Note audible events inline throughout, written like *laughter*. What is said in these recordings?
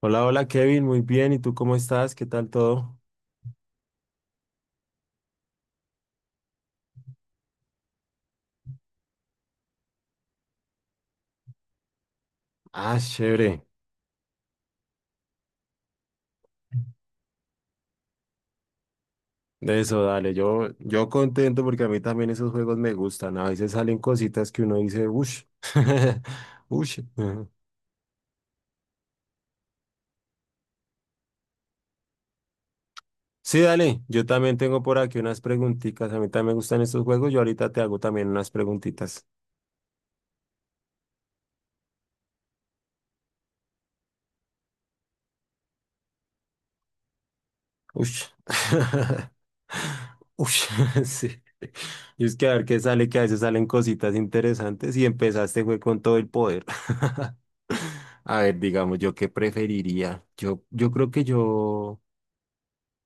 Hola, hola Kevin, muy bien. ¿Y tú cómo estás? ¿Qué tal todo? Ah, chévere. De eso, dale. Yo contento porque a mí también esos juegos me gustan. A veces salen cositas que uno dice, ush, *laughs* ush. Ujú. Sí, dale. Yo también tengo por aquí unas preguntitas. A mí también me gustan estos juegos. Yo ahorita te hago también unas preguntitas. Uy. *laughs* Uy, *laughs* sí. Y es que a ver qué sale, que a veces salen cositas interesantes y empezaste fue con todo el poder. *laughs* A ver, digamos, yo qué preferiría. Yo creo que yo.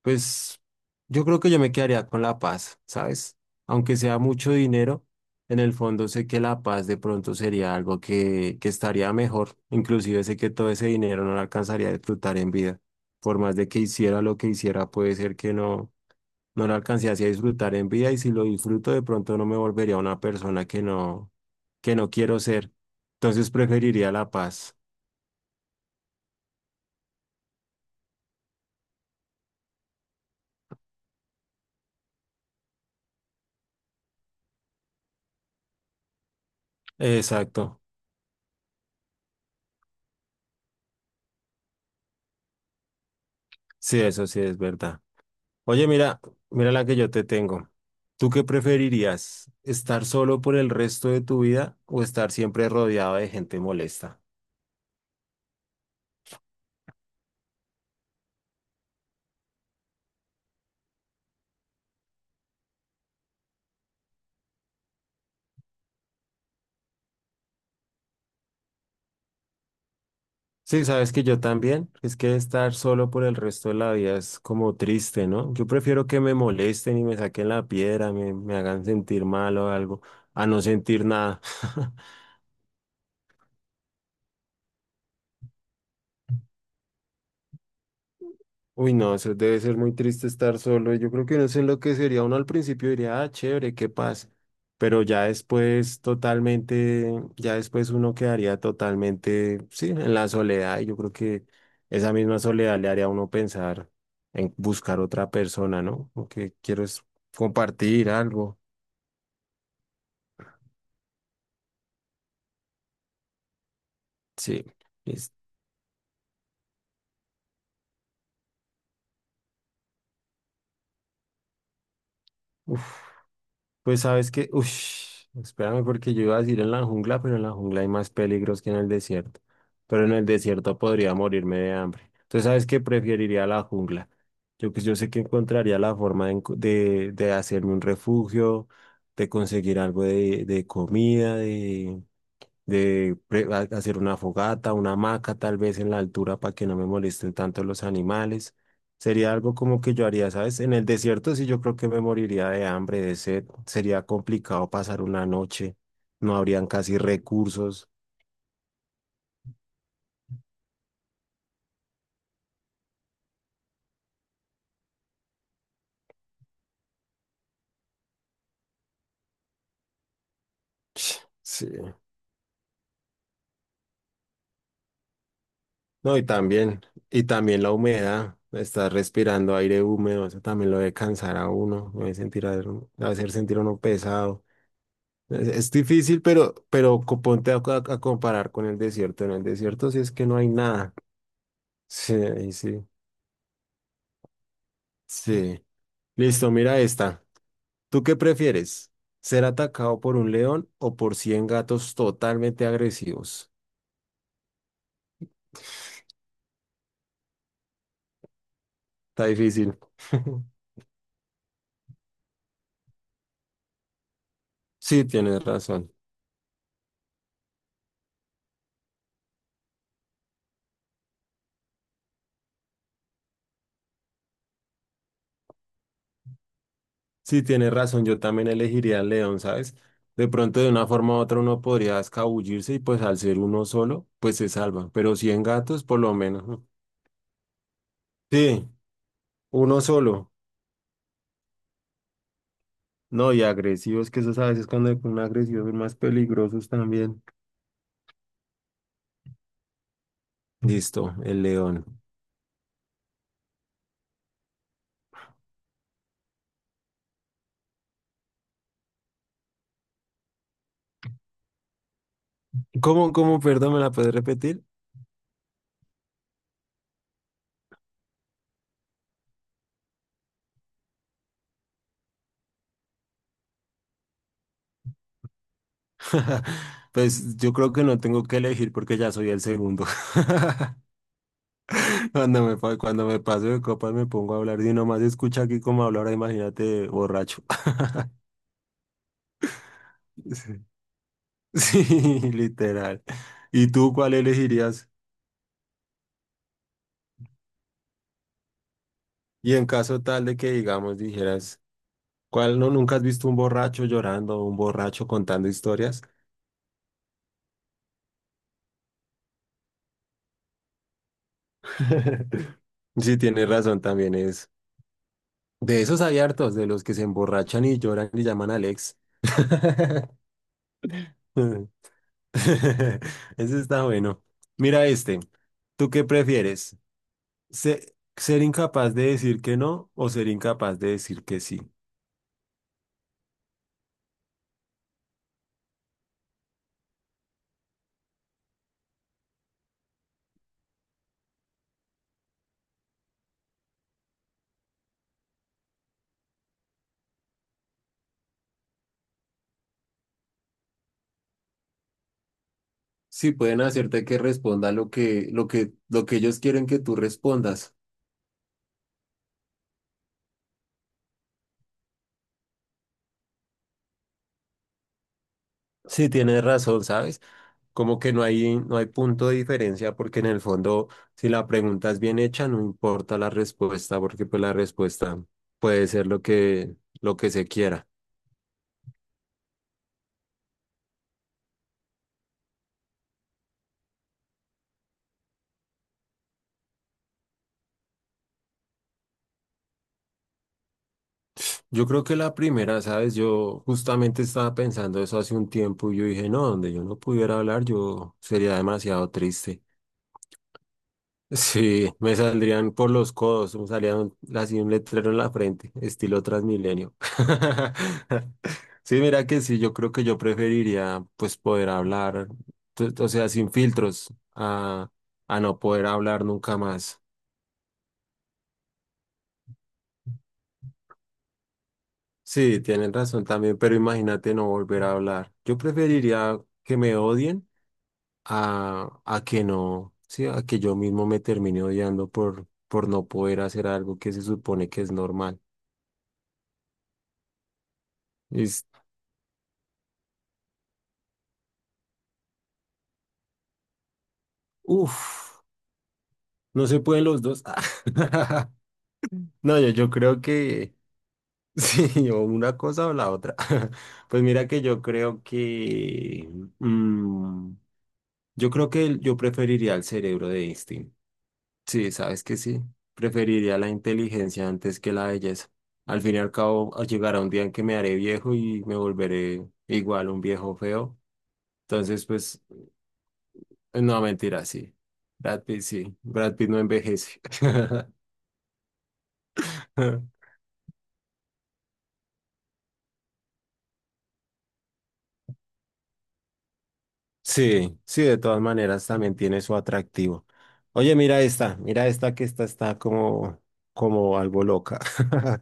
Pues yo creo que yo me quedaría con la paz, ¿sabes? Aunque sea mucho dinero, en el fondo sé que la paz de pronto sería algo que estaría mejor. Inclusive sé que todo ese dinero no lo alcanzaría a disfrutar en vida. Por más de que hiciera lo que hiciera, puede ser que no, no lo alcanzase a disfrutar en vida y si lo disfruto de pronto no me volvería una persona que no quiero ser. Entonces preferiría la paz. Exacto. Sí, eso sí es verdad. Oye, mira, mira la que yo te tengo. ¿Tú qué preferirías? ¿Estar solo por el resto de tu vida o estar siempre rodeado de gente molesta? Sí, sabes que yo también. Es que estar solo por el resto de la vida es como triste, ¿no? Yo prefiero que me molesten y me saquen la piedra, me hagan sentir mal o algo, a no sentir nada. *laughs* Uy, no, eso debe ser muy triste estar solo. Yo creo que no sé lo que sería uno al principio diría, ah, chévere, qué paz. Pero ya después totalmente, ya después uno quedaría totalmente, sí, en la soledad. Y yo creo que esa misma soledad le haría a uno pensar en buscar otra persona, ¿no? Lo que quiero es compartir algo. Sí. es- uf. Pues sabes que, uff, espérame porque yo iba a decir en la jungla, pero en la jungla hay más peligros que en el desierto. Pero en el desierto podría morirme de hambre. Entonces, ¿sabes que preferiría la jungla? Yo, pues, yo sé que encontraría la forma de, de hacerme un refugio, de conseguir algo de comida, de hacer una fogata, una hamaca tal vez en la altura para que no me molesten tanto los animales. Sería algo como que yo haría, ¿sabes? En el desierto sí yo creo que me moriría de hambre, de sed. Sería complicado pasar una noche. No habrían casi recursos. *sniffs* Sí. No, y también la humedad. Estar respirando aire húmedo, eso también lo debe cansar a uno, lo debe sentir a, hacer sentir a uno pesado. Es difícil, pero, pero ponte a, a comparar con el desierto. En el desierto sí es que no hay nada. Sí, ahí sí. Sí. Listo, mira esta. ¿Tú qué prefieres? ¿Ser atacado por un león o por 100 gatos totalmente agresivos? Está difícil. *laughs* Sí, tienes razón. Sí, tienes razón. Yo también elegiría al león, ¿sabes? De pronto, de una forma u otra, uno podría escabullirse y pues al ser uno solo, pues se salva. Pero 100 gatos, por lo menos, ¿no? Sí, uno solo. No, y agresivos, que esos a veces cuando se ponen agresivos son más peligrosos también. Listo, el león. ¿Cómo, cómo, perdón, me la puedes repetir? *laughs* Pues yo creo que no tengo que elegir porque ya soy el segundo. *laughs* Cuando me paso de copas me pongo a hablar y nomás escucha aquí cómo hablar, imagínate borracho. *laughs* Sí, *laughs* sí, literal. ¿Y tú cuál elegirías? Y en caso tal de que, digamos, dijeras, ¿cuál no nunca has visto un borracho llorando o un borracho contando historias? *laughs* Sí, tiene razón también, es. De esos hay hartos, de los que se emborrachan y lloran y llaman a Alex. *laughs* Ese está bueno. Mira este. ¿Tú qué prefieres? ¿Ser incapaz de decir que no o ser incapaz de decir que sí? Sí, pueden hacerte que responda lo que, lo que ellos quieren que tú respondas. Sí, tienes razón, ¿sabes? Como que no hay, no hay punto de diferencia porque en el fondo, si la pregunta es bien hecha, no importa la respuesta porque pues la respuesta puede ser lo que se quiera. Yo creo que la primera, ¿sabes? Yo justamente estaba pensando eso hace un tiempo y yo dije, no, donde yo no pudiera hablar, yo sería demasiado triste. Sí, me saldrían por los codos, así un letrero en la frente, estilo Transmilenio. *laughs* Sí, mira que sí, yo creo que yo preferiría pues poder hablar, o sea, sin filtros, a, a no poder hablar nunca más. Sí, tienen razón también, pero imagínate no volver a hablar. Yo preferiría que me odien a que no, sí, a que yo mismo me termine odiando por no poder hacer algo que se supone que es normal. Uf, no se pueden los dos. *laughs* No, yo creo que *laughs* sí, o una cosa o la otra. *laughs* Pues mira que yo creo que mm, yo creo que yo preferiría el cerebro de Einstein. Sí, sabes que sí. Preferiría la inteligencia antes que la belleza. Al fin y al cabo, llegará un día en que me haré viejo y me volveré igual un viejo feo. Entonces, pues, no, mentira, sí. Brad Pitt, sí. Brad Pitt no envejece. *laughs* Sí, sí, de todas maneras también tiene su atractivo. Oye, mira esta que esta está como, como algo loca. *laughs*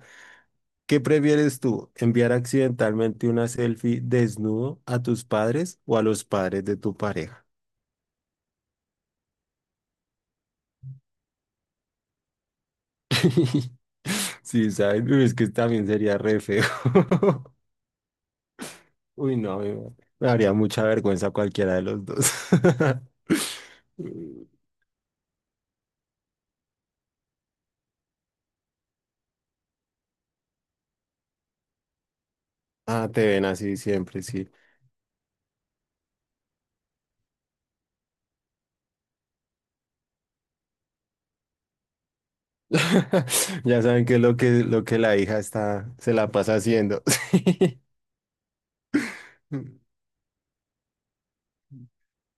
¿Qué prefieres tú, enviar accidentalmente una selfie desnudo a tus padres o a los padres de tu pareja? *laughs* Sí, ¿sabes? Uy, es que también sería re feo. *laughs* Uy, no, me daría mucha vergüenza cualquiera de los dos. *laughs* Ah, te ven así siempre, sí. *laughs* Ya saben que es lo que la hija está, se la pasa haciendo. *laughs*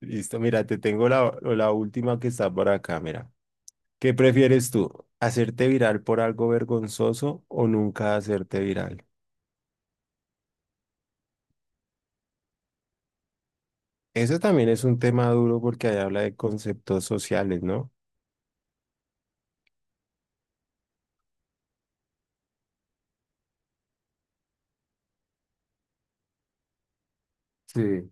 Listo, mira, te tengo la, la última que está por acá, mira. ¿Qué prefieres tú? ¿Hacerte viral por algo vergonzoso o nunca hacerte viral? Eso también es un tema duro porque ahí habla de conceptos sociales, ¿no? *laughs* Sí.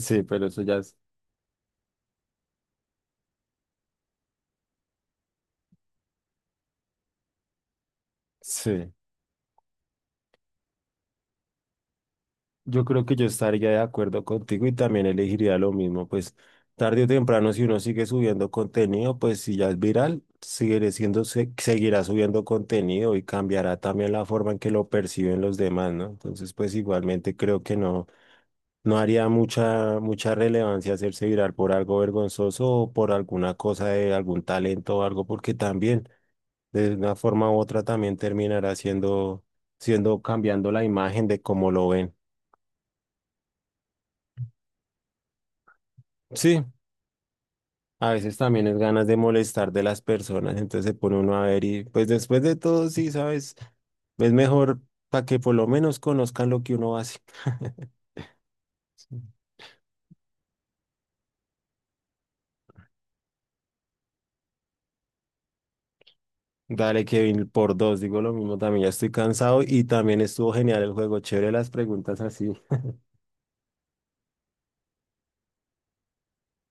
Sí, pero eso ya es... Sí. Yo creo que yo estaría de acuerdo contigo y también elegiría lo mismo, pues tarde o temprano si uno sigue subiendo contenido, pues si ya es viral, seguirá subiendo contenido y cambiará también la forma en que lo perciben los demás, ¿no? Entonces, pues igualmente creo que no, no haría mucha, mucha relevancia hacerse viral por algo vergonzoso o por alguna cosa de algún talento o algo, porque también de una forma u otra también terminará siendo, siendo cambiando la imagen de cómo lo ven. Sí. A veces también es ganas de molestar de las personas, entonces se pone uno a ver y pues después de todo, sí, ¿sabes? Es mejor para que por lo menos conozcan lo que uno hace. *laughs* Dale, Kevin, por dos, digo lo mismo, también ya estoy cansado y también estuvo genial el juego, chévere las preguntas así. *laughs*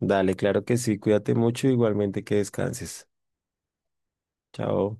Dale, claro que sí, cuídate mucho, igualmente que descanses. Chao.